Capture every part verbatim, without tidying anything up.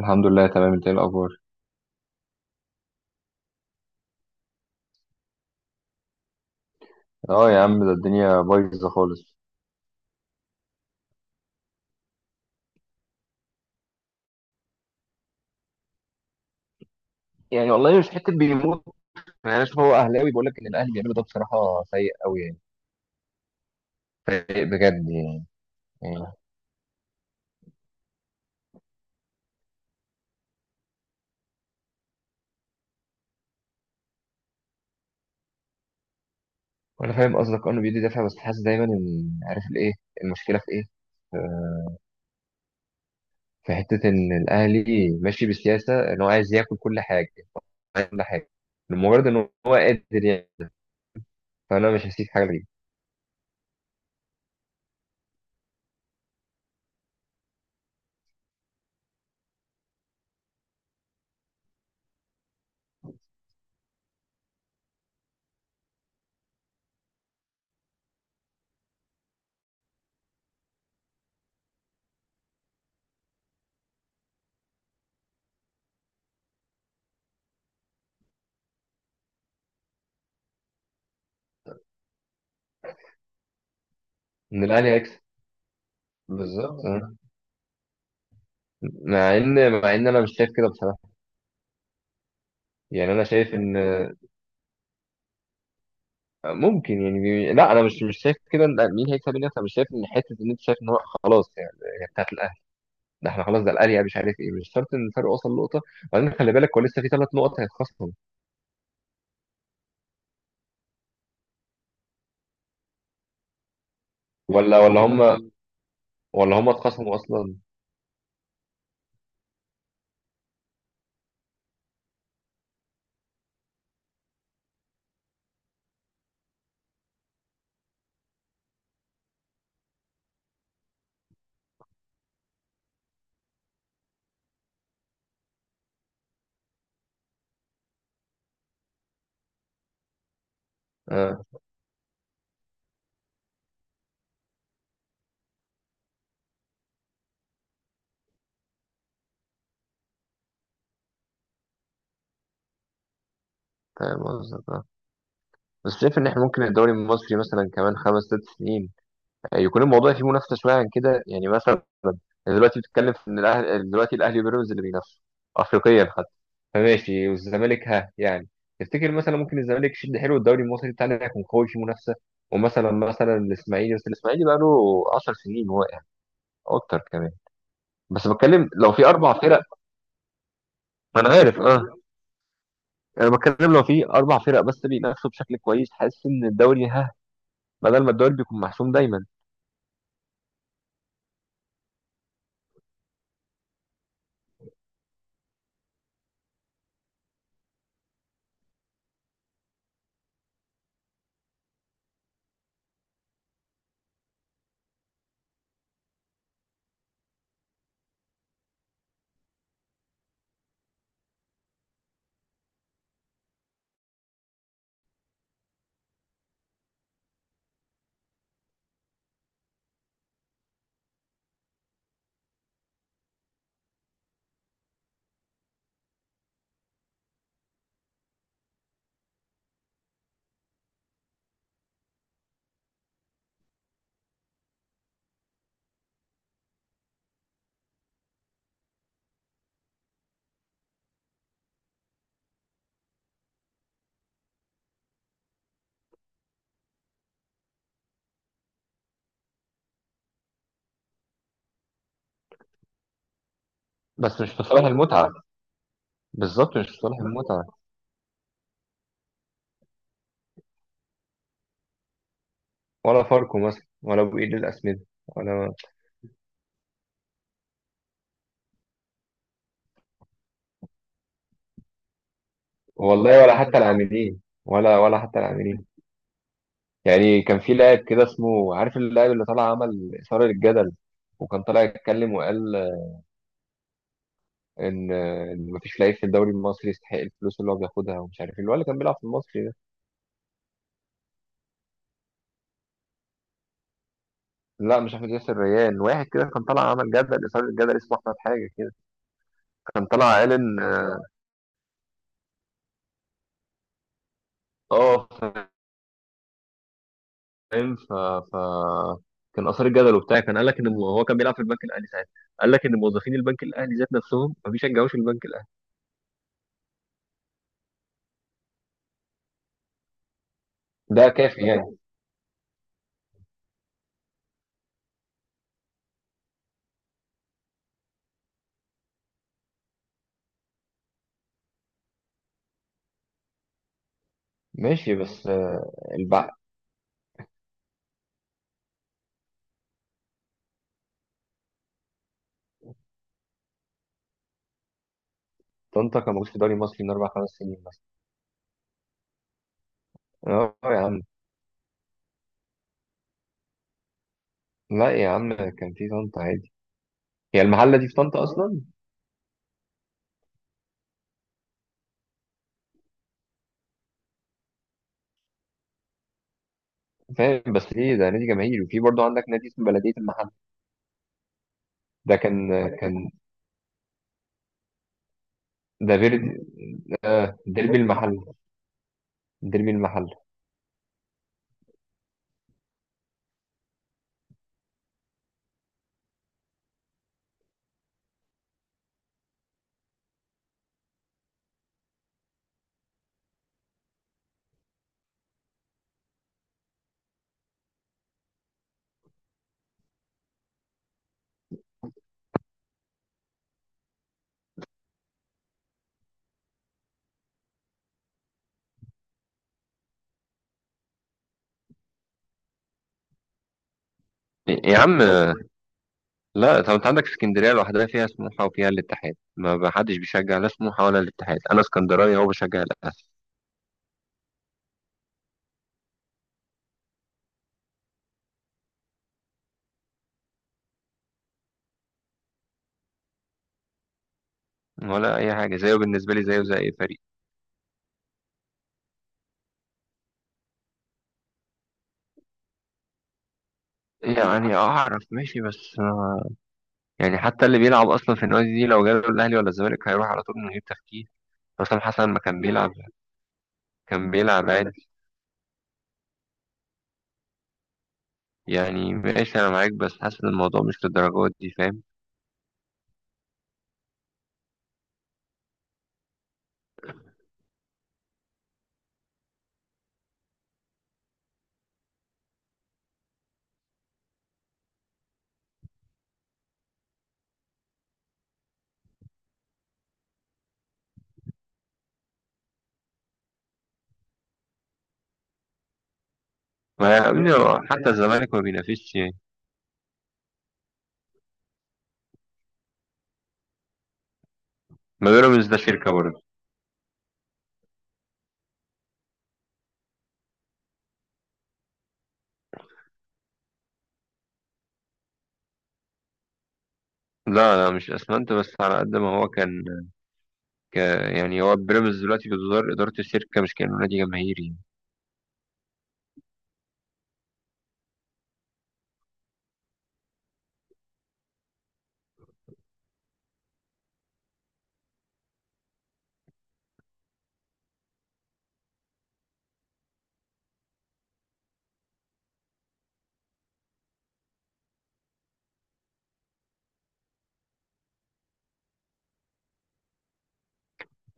الحمد لله تمام. انت ايه الاخبار؟ اه يا عم، ده الدنيا بايظه خالص. يعني والله مش حته بيموت. يعني انا اشوف هو اهلاوي، بيقول لك ان الاهلي بيعملوا ده بصراحه سيء قوي يعني. سيء بجد يعني، يعني. وانا فاهم قصدك، أه انه بيدي دافع، بس حاسس دايما ان عارف الايه. المشكله في ايه؟ آه، في حته ان الاهلي ماشي بسياسه ان هو عايز ياكل كل حاجه، عايز كل حاجه، لمجرد ان هو قادر يعني. فانا مش هسيب حاجه ليه. ان الاهلي هيكسب، بالظبط اه. مع ان مع ان انا مش شايف كده بصراحه. يعني انا شايف ان ممكن يعني بي- لا، انا مش مش شايف كده. لا، مين هيكسب مين هيكسب، انا مش شايف ان حته ان انت شايف ان هو خلاص يعني هي بتاعت الاهلي. ده احنا خلاص، ده الاهلي يعني مش عارف ايه، مش شرط ان الفرق وصل نقطه. وبعدين خلي بالك، هو لسه في ثلاث نقط هيتخصموا. ولا ولا هم، ولا هم اتخصموا اصلا. اه، فاهم قصدك اه. بس شايف ان احنا ممكن الدوري المصري مثلا كمان خمس ست سنين يكون الموضوع فيه منافسه شويه عن كده. يعني مثلا دلوقتي بتتكلم في ان الاهلي، دلوقتي الاهلي وبيراميدز اللي بينافسوا، افريقيا حتى. فماشي، والزمالك ها يعني؟ تفتكر مثلا ممكن الزمالك يشد حلو الدوري المصري بتاعنا يكون قوي فيه منافسه؟ ومثلا مثلا الاسماعيلي، بس الاسماعيلي بقى له 10 سنين واقع، اكتر كمان. بس بتكلم لو في اربع فرق. ما انا عارف اه. انا بتكلم لو في اربع فرق بس بينافسوا بشكل كويس، حاسس ان الدوري ها، بدل ما الدوري بيكون محسوم دايما. بس مش في صالح المتعه. بالظبط، مش في صالح المتعه. ولا فاركو مثلا، ولا ابو ايد الاسمده. ولا. والله ولا حتى العاملين، ولا ولا حتى العاملين. يعني كان في لاعب كده، اسمه عارف، اللاعب اللي طلع عمل اثاره للجدل، وكان طالع يتكلم وقال ان إن مفيش لعيب في الدوري المصري يستحق الفلوس اللي هو بياخدها، ومش عارف ايه اللي هو اللي كان بيلعب في المصري ده. لا مش احمد ياسر ريان، واحد كده كان طالع عمل جدل اثاره للجدل، اسمه احمد حاجه كده. كان طالع قال ان، اه آه، فاهم. ف... ف... كان اثار الجدل وبتاع. كان قال لك ان الم- هو كان بيلعب في البنك الاهلي ساعتها. قال لك ان موظفين البنك الاهلي ذات نفسهم ما بيشجعوش البنك الاهلي. ده كافي يعني. ماشي بس آه، البع. طنطا كان موجود في الدوري المصري من أربع خمس سنين مثلا. اه يا عم. لا يا عم، كان في طنطا عادي. هي المحلة دي في طنطا أصلا. فاهم، بس ليه ده نادي جماهيري، وفي برضه عندك نادي اسمه بلدية المحل؟ ده كان كان ده فيردي. آه، ديربي المحل، ديربي المحل. يا عم، لا. طب انت عندك اسكندريه لوحدها فيها سموحه وفيها الاتحاد. ما ما حدش بيشجع لا سموحه ولا الاتحاد. انا اسكندراني، هو بشجع الاهلي. ولا اي حاجه، زيه بالنسبه لي زيه زي اي فريق. يعني اعرف ماشي بس آه، يعني حتى اللي بيلعب اصلا في النادي دي لو جاله الاهلي ولا الزمالك هيروح على طول من غير تفكير. حسام حسن ما كان بيلعب، كان بيلعب عادي. يعني ماشي انا معاك، بس حاسس ان الموضوع مش للدرجات دي، فاهم. ما يعني حتى الزمالك ما بينافسش يعني. ما بيراميدز ده شركه برضه. لا لا مش اسمنت، بس على قد ما هو كان. ك- يعني هو بيراميدز دلوقتي بتدار إدارة الشركة، مش كأنه نادي جماهيري يعني.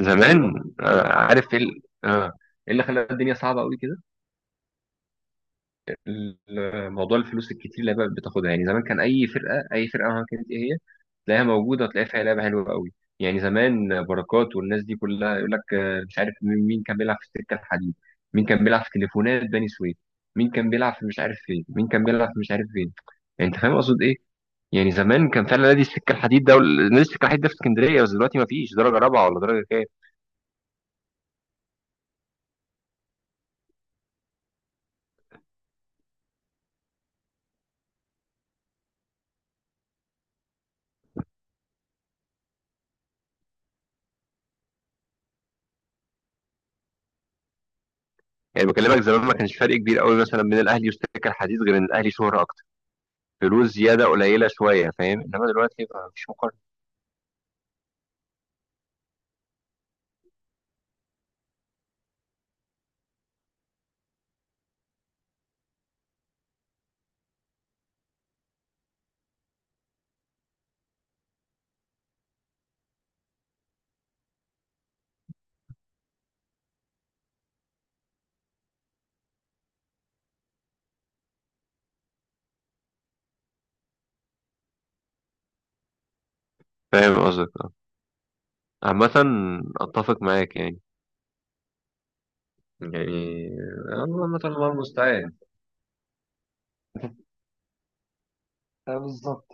زمان. آه، عارف ايه ال- آه، ايه اللي خلى الدنيا صعبة قوي كده؟ ال- موضوع الفلوس الكتير اللي بقى بتاخدها يعني. زمان كان أي فرقة، أي فرقة، مهما كانت ايه هي، تلاقيها موجودة وتلاقي فيها لعبة حلوة قوي. يعني زمان بركات والناس دي كلها، يقول لك آه، مش عارف مين، مين كان بيلعب في السكة الحديد، مين كان بيلعب في تليفونات بني سويف، مين كان بيلعب في مش عارف فين، مين كان بيلعب في مش عارف فين. يعني انت فاهم اقصد ايه. يعني زمان كان فعلا نادي السكه الحديد ده، وال- نادي السكه الحديد ده في اسكندريه. بس دلوقتي ما فيش درجه رابعه ولا درجه كام. يعني بكلمك زمان ما كانش فرق كبير قوي مثلا بين الاهلي والسكه الحديد، غير ان الاهلي شهره اكتر، فلوس زياده قليله شويه، فاهم. انما دلوقتي ما فيش مقارنه. فاهم قصدك اه. عامه، اتفق معاك يعني، يعني. الله، مثلا الله المستعان. آه، بالظبط.